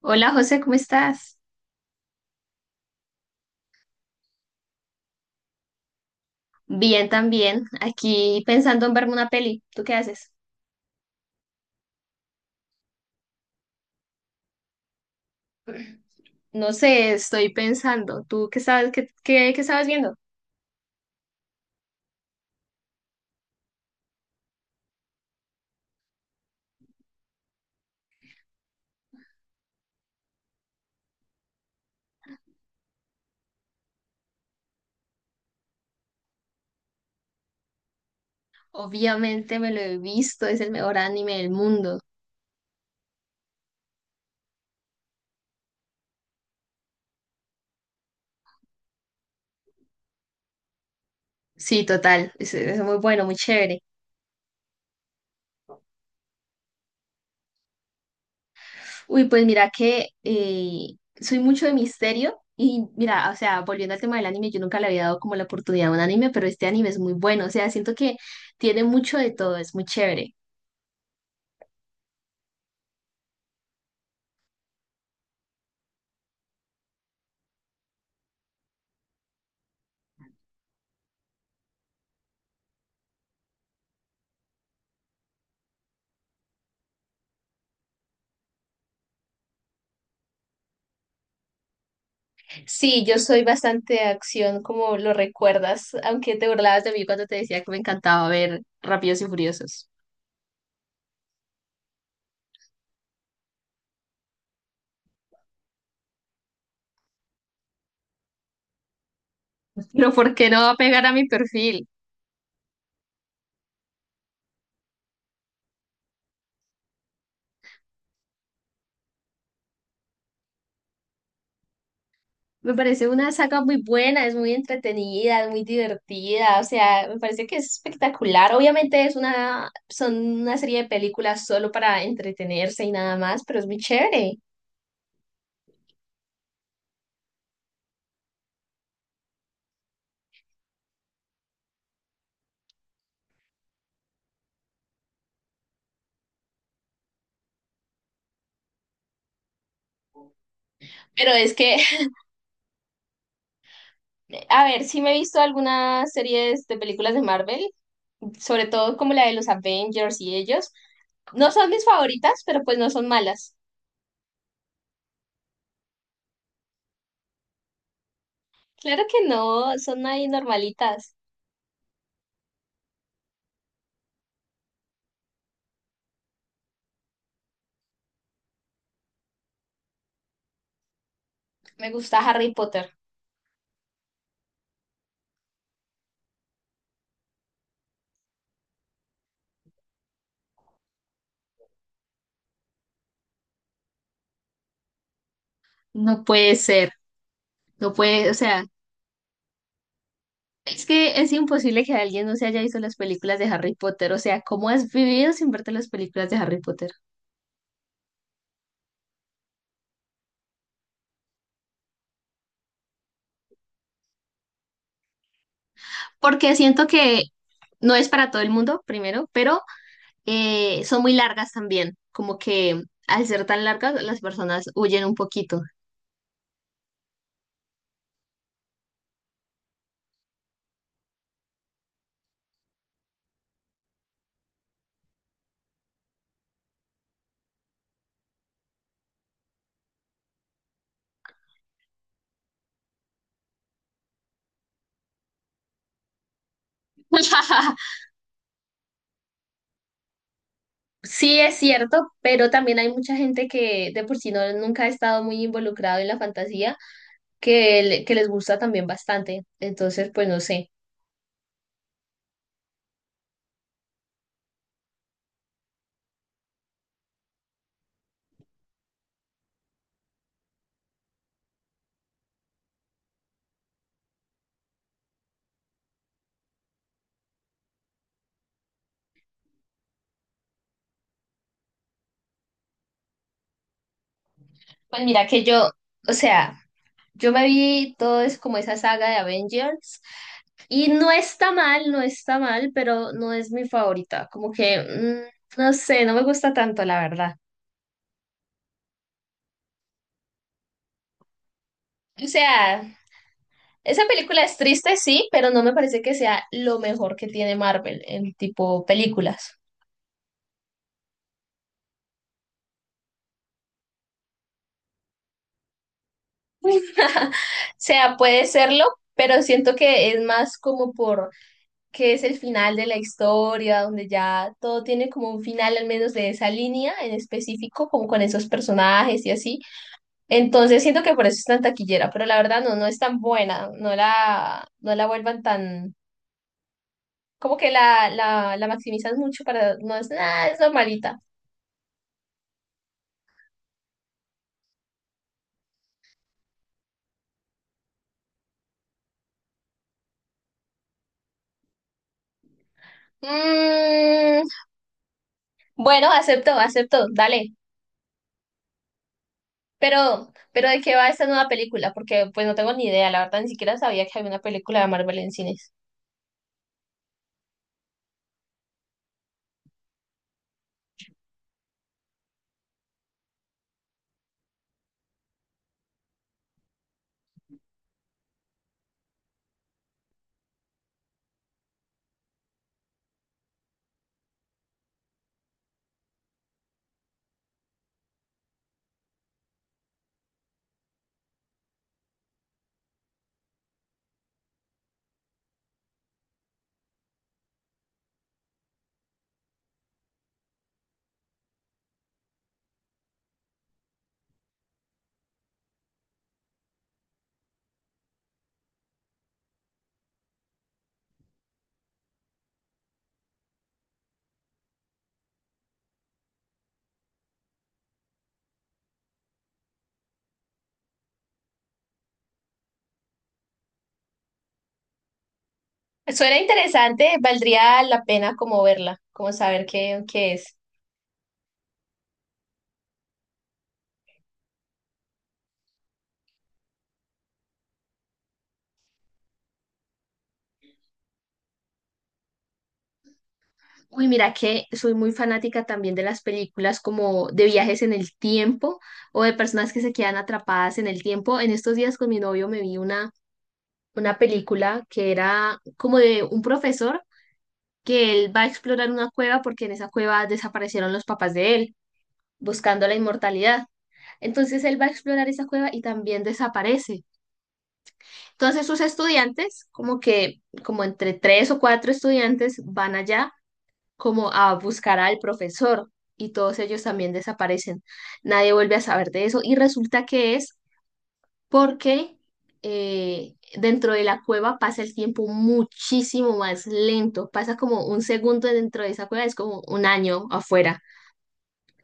Hola José, ¿cómo estás? Bien también, aquí pensando en verme una peli. ¿Tú qué haces? No sé, estoy pensando. ¿Tú qué sabes, qué estabas viendo? Obviamente me lo he visto, es el mejor anime del mundo. Sí, total, es muy bueno, muy chévere. Uy, pues mira que soy mucho de misterio y mira, o sea, volviendo al tema del anime, yo nunca le había dado como la oportunidad a un anime, pero este anime es muy bueno, o sea, siento que tiene mucho de todo, es muy chévere. Sí, yo soy bastante de acción, como lo recuerdas, aunque te burlabas de mí cuando te decía que me encantaba ver Rápidos y Furiosos. Pero ¿por qué no va a pegar a mi perfil? Me parece una saga muy buena, es muy entretenida, es muy divertida, o sea, me parece que es espectacular. Obviamente es una, son una serie de películas solo para entretenerse y nada más, pero es muy chévere. Pero es que, a ver, sí me he visto algunas series de películas de Marvel sobre todo como la de los Avengers y ellos. No son mis favoritas, pero pues no son malas. Claro que no, son ahí normalitas. Me gusta Harry Potter. No puede ser, no puede, o sea, es que es imposible que alguien no se haya visto las películas de Harry Potter, o sea, ¿cómo has vivido sin verte las películas de Harry Potter? Porque siento que no es para todo el mundo, primero, pero son muy largas también, como que al ser tan largas las personas huyen un poquito. Sí, es cierto, pero también hay mucha gente que de por sí no, nunca ha estado muy involucrado en la fantasía, que, que les gusta también bastante. Entonces, pues no sé. Pues mira que yo, o sea, yo me vi todo es como esa saga de Avengers y no está mal, no está mal, pero no es mi favorita. Como que, mm, no sé, no me gusta tanto, la verdad. O sea, esa película es triste, sí, pero no me parece que sea lo mejor que tiene Marvel en tipo películas. O sea, puede serlo, pero siento que es más como por que es el final de la historia, donde ya todo tiene como un final, al menos de esa línea en específico, como con esos personajes y así. Entonces siento que por eso es tan taquillera, pero la verdad no, no es tan buena, no la vuelvan tan, como que la maximizan mucho para, no es nada, es normalita. Mm, bueno, acepto, acepto, dale. Pero ¿de qué va esta nueva película? Porque pues no tengo ni idea, la verdad ni siquiera sabía que había una película de Marvel en cines. Suena interesante, valdría la pena como verla, como saber qué es. Uy, mira que soy muy fanática también de las películas como de viajes en el tiempo o de personas que se quedan atrapadas en el tiempo. En estos días con mi novio me vi una película que era como de un profesor que él va a explorar una cueva porque en esa cueva desaparecieron los papás de él, buscando la inmortalidad. Entonces él va a explorar esa cueva y también desaparece. Entonces sus estudiantes, como que, como entre tres o cuatro estudiantes, van allá como a buscar al profesor y todos ellos también desaparecen. Nadie vuelve a saber de eso y resulta que es porque dentro de la cueva pasa el tiempo muchísimo más lento. Pasa como un segundo dentro de esa cueva, es como un año afuera.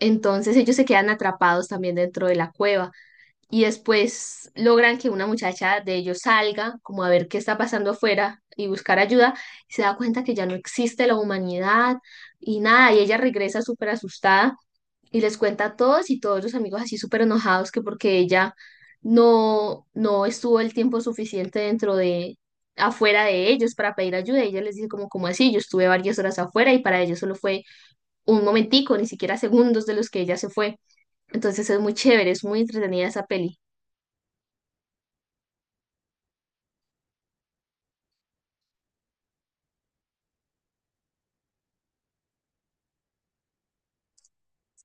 Entonces ellos se quedan atrapados también dentro de la cueva y después logran que una muchacha de ellos salga como a ver qué está pasando afuera y buscar ayuda y se da cuenta que ya no existe la humanidad y nada, y ella regresa súper asustada y les cuenta a todos y todos los amigos así súper enojados que porque ella no estuvo el tiempo suficiente afuera de ellos para pedir ayuda. Y ella les dice como, ¿como así? Yo estuve varias horas afuera y para ellos solo fue un momentico, ni siquiera segundos de los que ella se fue. Entonces es muy chévere, es muy entretenida esa peli.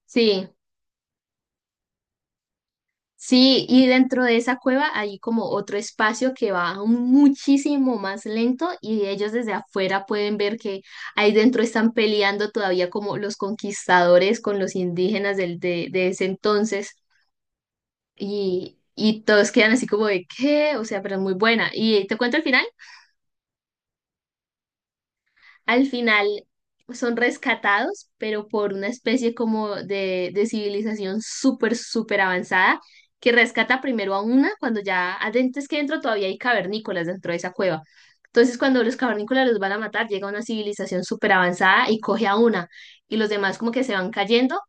Sí. Sí, y dentro de esa cueva hay como otro espacio que va muchísimo más lento y ellos desde afuera pueden ver que ahí dentro están peleando todavía como los conquistadores con los indígenas de ese entonces y todos quedan así como de ¿qué? O sea, pero es muy buena. ¿Y te cuento el final? Al final son rescatados, pero por una especie como de civilización súper, súper avanzada, que rescata primero a una cuando ya adentro es que dentro todavía hay cavernícolas dentro de esa cueva. Entonces, cuando los cavernícolas los van a matar, llega una civilización súper avanzada y coge a una, y los demás como que se van cayendo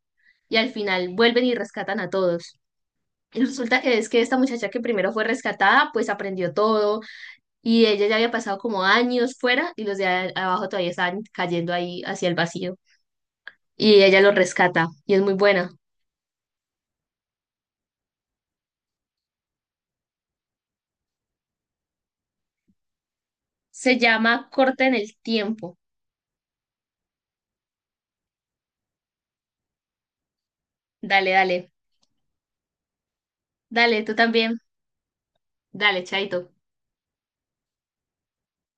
y al final vuelven y rescatan a todos. Y resulta que es que esta muchacha que primero fue rescatada, pues aprendió todo, y ella ya había pasado como años fuera y los de abajo todavía estaban cayendo ahí hacia el vacío. Y ella los rescata y es muy buena. Se llama Corta en el tiempo. Dale, dale. Dale, tú también. Dale, chaito.